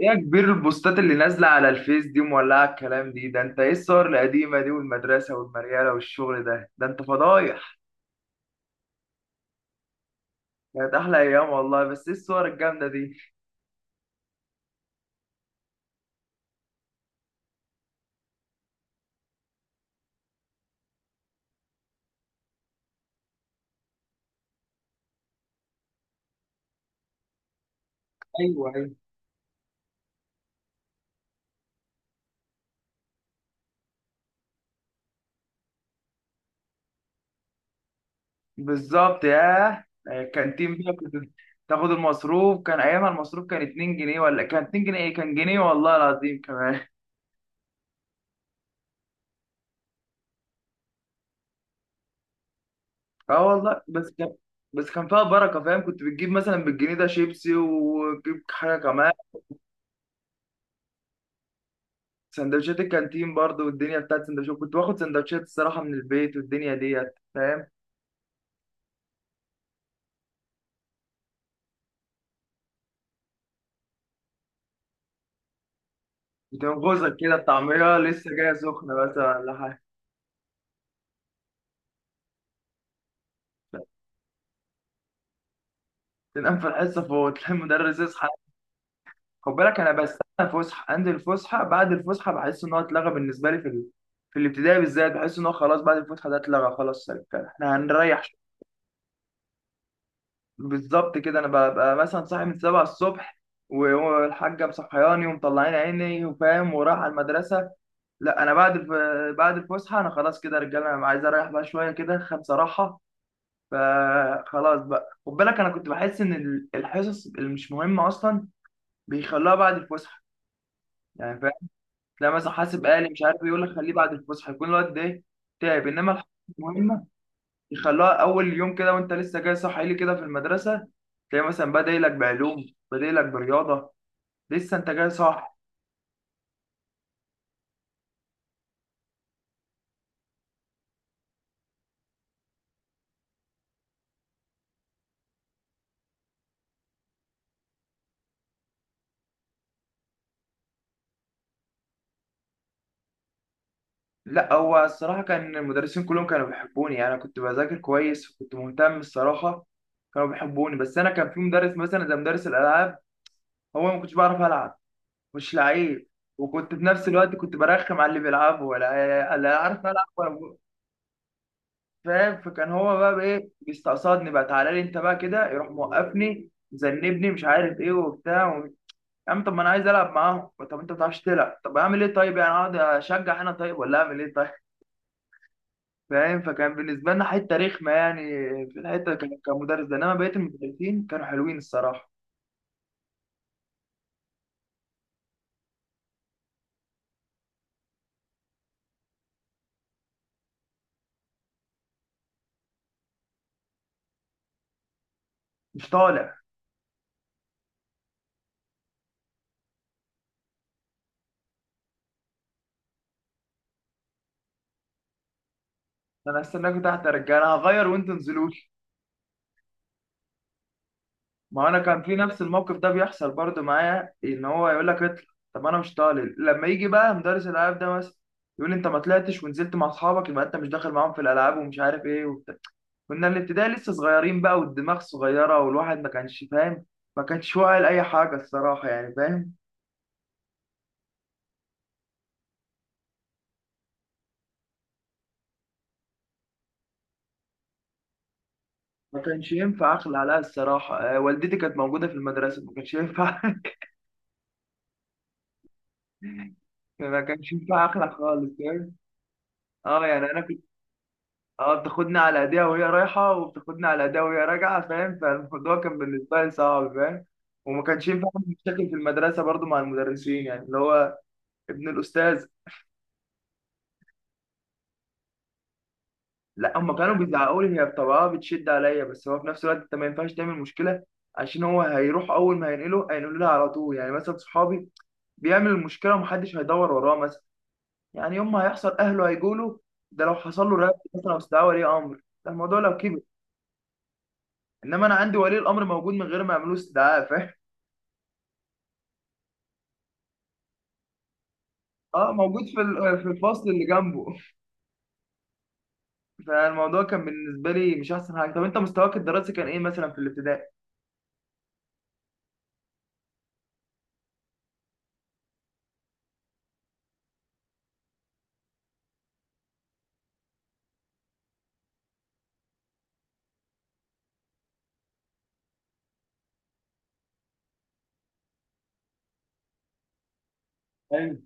ايه يا كبير؟ البوستات اللي نازلة على الفيس دي مولعة الكلام دي، ده انت ايه الصور القديمة دي والمدرسة والمريالة والشغل؟ ده انت فضايح. كانت احلى ايام والله، بس ايه الصور الجامدة دي؟ ايوه، ايوه. بالظبط، ياه. كانتين بقى، كنت تاخد المصروف، كان ايامها المصروف كان 2 جنيه، ولا كان 2 جنيه، ايه كان جنيه والله العظيم كمان. اه والله، بس كان فيها بركة، فاهم؟ كنت بتجيب مثلا بالجنيه ده شيبسي وتجيب حاجة كمان. سندوتشات الكانتين برضو، والدنيا بتاعت سندوتشات، كنت باخد سندوتشات الصراحة من البيت والدنيا ديت، فاهم. بتنغزك كده، الطعمية لسه جاية سخنة مثلا ولا حاجة. تنام في الحصة، فوق تلاقي المدرس يصحى. خد بالك، أنا بستنى فسحة، عندي الفسحة، بعد الفسحة بحس إن هو اتلغى بالنسبة لي في الابتدائي بالذات، بحس إن هو خلاص بعد الفسحة ده اتلغى، خلاص كده إحنا هنريح شوية. بالظبط كده، أنا ببقى مثلا صاحي من 7 الصبح، والحاجة مصحياني ومطلعين عيني وفاهم ورايح على المدرسة. لا، انا بعد الفسحه انا خلاص كده يا رجاله، انا عايز اريح بقى شويه كده، خد صراحه. فخلاص بقى، خد بالك، انا كنت بحس ان الحصص اللي مش مهمه اصلا بيخلوها بعد الفسحه، يعني فاهم. تلاقي مثلا حاسب آلي مش عارف إيه، يقول لك خليه بعد الفسحه، يكون الوقت ده إيه؟ تعب، انما الحصص المهمه يخلوها اول يوم كده وانت لسه جاي صاحي لي كده في المدرسه. تلاقي مثلا بادئ لك بعلوم، بادئ لك برياضه، لسه انت جاي صاحي. لا هو الصراحة كان المدرسين كلهم كانوا بيحبوني، يعني أنا كنت بذاكر كويس وكنت مهتم الصراحة، كانوا بيحبوني، بس أنا كان في مدرس مثلا زي مدرس الألعاب، هو ما كنتش بعرف ألعب، مش لعيب، وكنت في نفس الوقت كنت برخم على اللي بيلعبوا، ولا لا عارف ألعب فاهم. فكان هو بقى بإيه، بيستقصدني بقى، تعالى لي أنت بقى كده، يروح موقفني، مذنبني، مش عارف إيه وبتاع يا عم، طب ما أنا عايز ألعب معاهم، طب أنت ما بتعرفش تلعب، طب أعمل إيه طيب؟ يعني أقعد أشجع أنا طيب، ولا أعمل إيه طيب؟" فاهم. فكان بالنسبة لنا حتة رخمة يعني، في الحتة كمدرس ده، انما بقية المدرسين كانوا حلوين الصراحة. مش طالع، انا هستناكوا تحت يا رجالة، انا هغير وانتوا انزلولي. ما انا كان في نفس الموقف ده بيحصل برضو معايا، ان هو يقول لك اطلع، طب انا مش طالع، لما يجي بقى مدرس الالعاب ده مثلا يقول لي انت ما طلعتش ونزلت مع اصحابك، يبقى انت مش داخل معاهم في الالعاب، ومش عارف ايه وبتاع. كنا الابتدائي لسه صغيرين بقى، والدماغ صغيرة والواحد ما كانش فاهم، ما كانش واعي لاي حاجة الصراحة، يعني فاهم. ما كانش ينفع اخلع عليها الصراحه، والدتي كانت موجوده في المدرسه، ما كانش ينفع ما كانش ينفع اخلع خالص، فاهم. اه يعني انا كنت، اه بتاخدني على ايديها وهي رايحه، وبتاخدني على ايديها وهي راجعه، فاهم. فالموضوع كان بالنسبه لي صعب، فاهم. وما كانش ينفع اعمل مشاكل في المدرسه برضو مع المدرسين، يعني اللي هو ابن الاستاذ. لا، هم كانوا بيزعقوا لي، هي بطبعها بتشد عليا، بس هو في نفس الوقت انت ما ينفعش تعمل مشكله، عشان هو هيروح، اول ما هينقله هينقله لها على طول، يعني مثلا صحابي بيعمل المشكله ومحدش هيدور وراه مثلا، يعني يوم ما هيحصل اهله هيجوا له، ده لو حصل له رفض مثلا او استدعاء ولي امر، ده الموضوع لو كبر. انما انا عندي ولي الامر موجود من غير ما يعملوا استدعاء، فاهم. اه موجود في في الفصل اللي جنبه. فالموضوع كان بالنسبه لي مش احسن حاجه، طب انت مستواك الدراسي كان ايه مثلا في الابتدائي؟ حلو.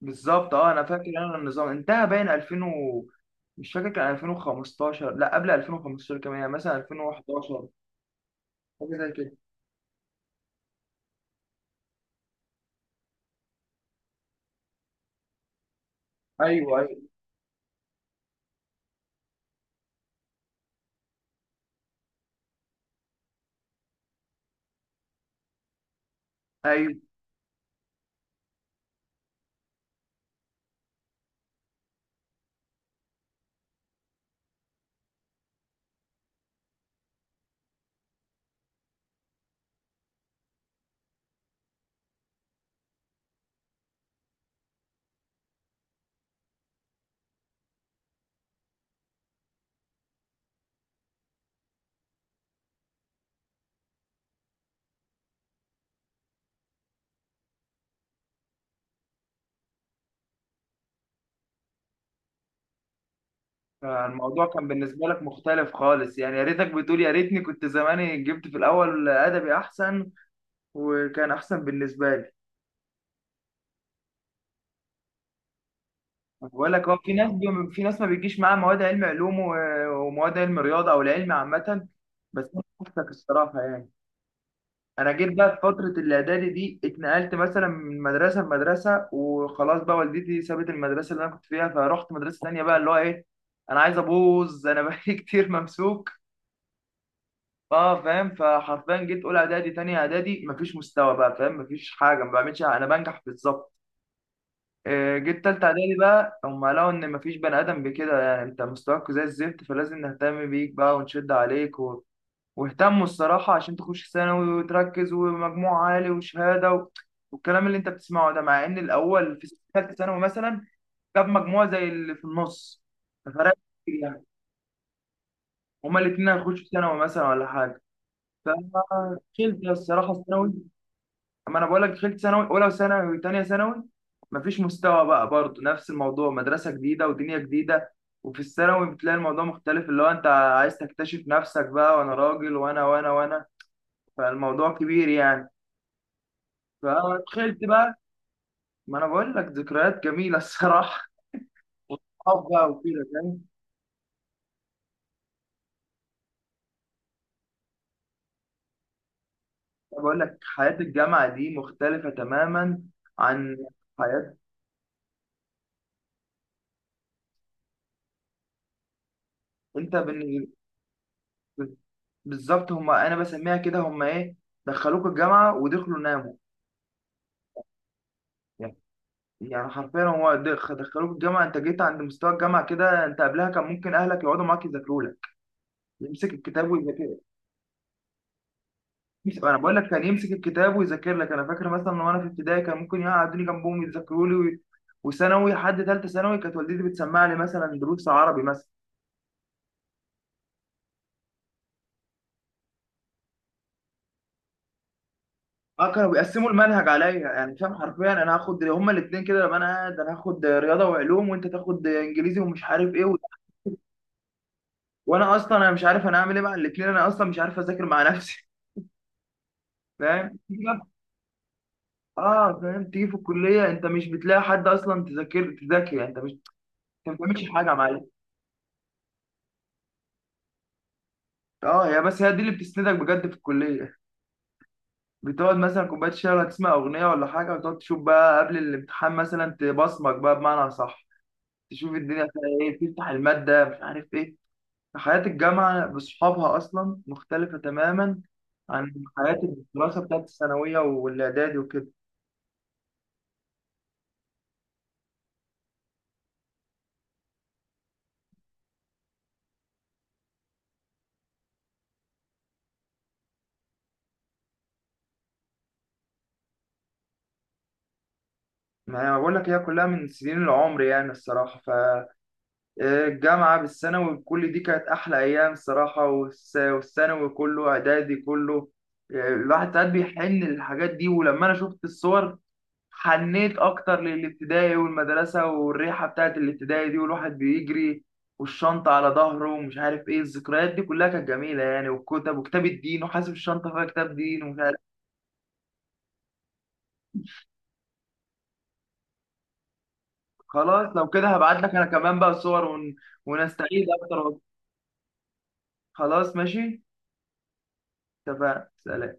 بالظبط، اه انا فاكر انا النظام انتهى باين 2000 مش فاكر، كان 2015، لا قبل 2015 كمان يعني، مثلا 2011، حاجه زي كده. ايوه، ايوه. الموضوع كان بالنسبة لك مختلف خالص يعني، يا ريتك بتقول يا ريتني كنت زماني جبت في الأول أدبي أحسن، وكان أحسن بالنسبة لي. بقول لك، هو في ناس في ناس ما بيجيش معاها مواد علم علوم ومواد علم رياضة أو العلم عامة. بس أنا شفتك الصراحة يعني، أنا جيت بقى في فترة الإعدادي دي اتنقلت مثلا من مدرسة لمدرسة، وخلاص بقى والدتي سابت المدرسة اللي أنا كنت فيها، فرحت مدرسة تانية بقى، اللي هو إيه، أنا عايز أبوظ، أنا بقالي كتير ممسوك. اه فاهم، فحرفيا جيت اولى اعدادي تانية اعدادي، مفيش مستوى بقى، فاهم، مفيش حاجه، ما بعملش، انا بنجح بالظبط. آه، جيت تالتة اعدادي بقى، هم لقوا ان مفيش بني ادم بكده، يعني انت مستواك زي الزفت، فلازم نهتم بيك بقى ونشد عليك واهتموا الصراحه عشان تخش ثانوي وتركز، ومجموع عالي وشهاده والكلام اللي انت بتسمعه ده، مع ان الاول في ثالثه ثانوي مثلا جاب مجموع زي اللي في النص، ففرق كتير يعني، هما الاتنين هيخشوا ثانوي مثلا ولا حاجه. فشلت الصراحه الثانوي، اما انا بقول لك دخلت ثانوي، اولى ثانوي وثانيه ثانوي مفيش مستوى بقى برضه، نفس الموضوع، مدرسه جديده ودنيا جديده، وفي الثانوي بتلاقي الموضوع مختلف، اللي هو انت عايز تكتشف نفسك بقى، وانا راجل وانا وانا وانا، فالموضوع كبير يعني. فدخلت بقى، ما انا بقول لك ذكريات جميله الصراحه، وصحاب بقى وكده فاهم. أنا بقول لك حياه الجامعه دي مختلفه تماما عن حياه، انت بالن- بالظبط، هم انا بسميها كده، هم ايه، دخلوك الجامعه ودخلوا ناموا، يعني حرفيا هو دخلوك الجامعه، انت جيت عند مستوى الجامعه كده، انت قبلها كان ممكن اهلك يقعدوا معاك يذاكروا لك، يمسك الكتاب ويذاكر، انا بقول لك كان يمسك الكتاب ويذاكر لك. انا فاكر مثلا وانا في ابتدائي كان ممكن يقعدوني جنبهم يذاكروا لي وثانوي لحد ثالثه ثانوي، كانت والدتي بتسمع لي مثلا دروس عربي مثلا. اه كانوا بيقسموا المنهج عليا، يعني فاهم، حرفيا انا هاخد هما الاثنين كده، لما انا قاعد انا هاخد رياضه وعلوم وانت تاخد انجليزي ومش عارف ايه وانا اصلا انا مش عارف انا اعمل ايه مع الاثنين، انا اصلا مش عارف اذاكر مع نفسي، فاهم. اه فاهم، تيجي في الكليه انت مش بتلاقي حد اصلا، تذاكر تذاكر يعني، انت مش انت، ما بتعملش حاجه يا معلم. اه هي، بس هي دي اللي بتسندك بجد في الكليه، بتقعد مثلا كوبايه شاي ولا تسمع اغنيه ولا حاجه، وتقعد تشوف بقى قبل الامتحان مثلا تبصمج بقى بمعنى صح، تشوف الدنيا فيها ايه، تفتح الماده مش عارف ايه. حياه الجامعه بصحابها اصلا مختلفه تماما عن حياه الدراسه بتاعت الثانويه والاعدادي وكده. ما أنا بقول لك هي كلها من سنين العمر يعني الصراحه، الجامعة بالثانوي كل دي كانت أحلى أيام الصراحة، والثانوي كله إعدادي كله، يعني الواحد ساعات بيحن للحاجات دي، ولما أنا شفت الصور حنيت أكتر للابتدائي والمدرسة والريحة بتاعت الابتدائي دي، والواحد بيجري والشنطة على ظهره، ومش عارف إيه، الذكريات دي كلها كانت جميلة يعني، والكتب وكتاب الدين وحاسب الشنطة فيها كتاب دين ومش عارف. خلاص لو كده، هبعت لك أنا كمان بقى صور ونستعيد أكتر. خلاص ماشي، اتفقنا، سلام.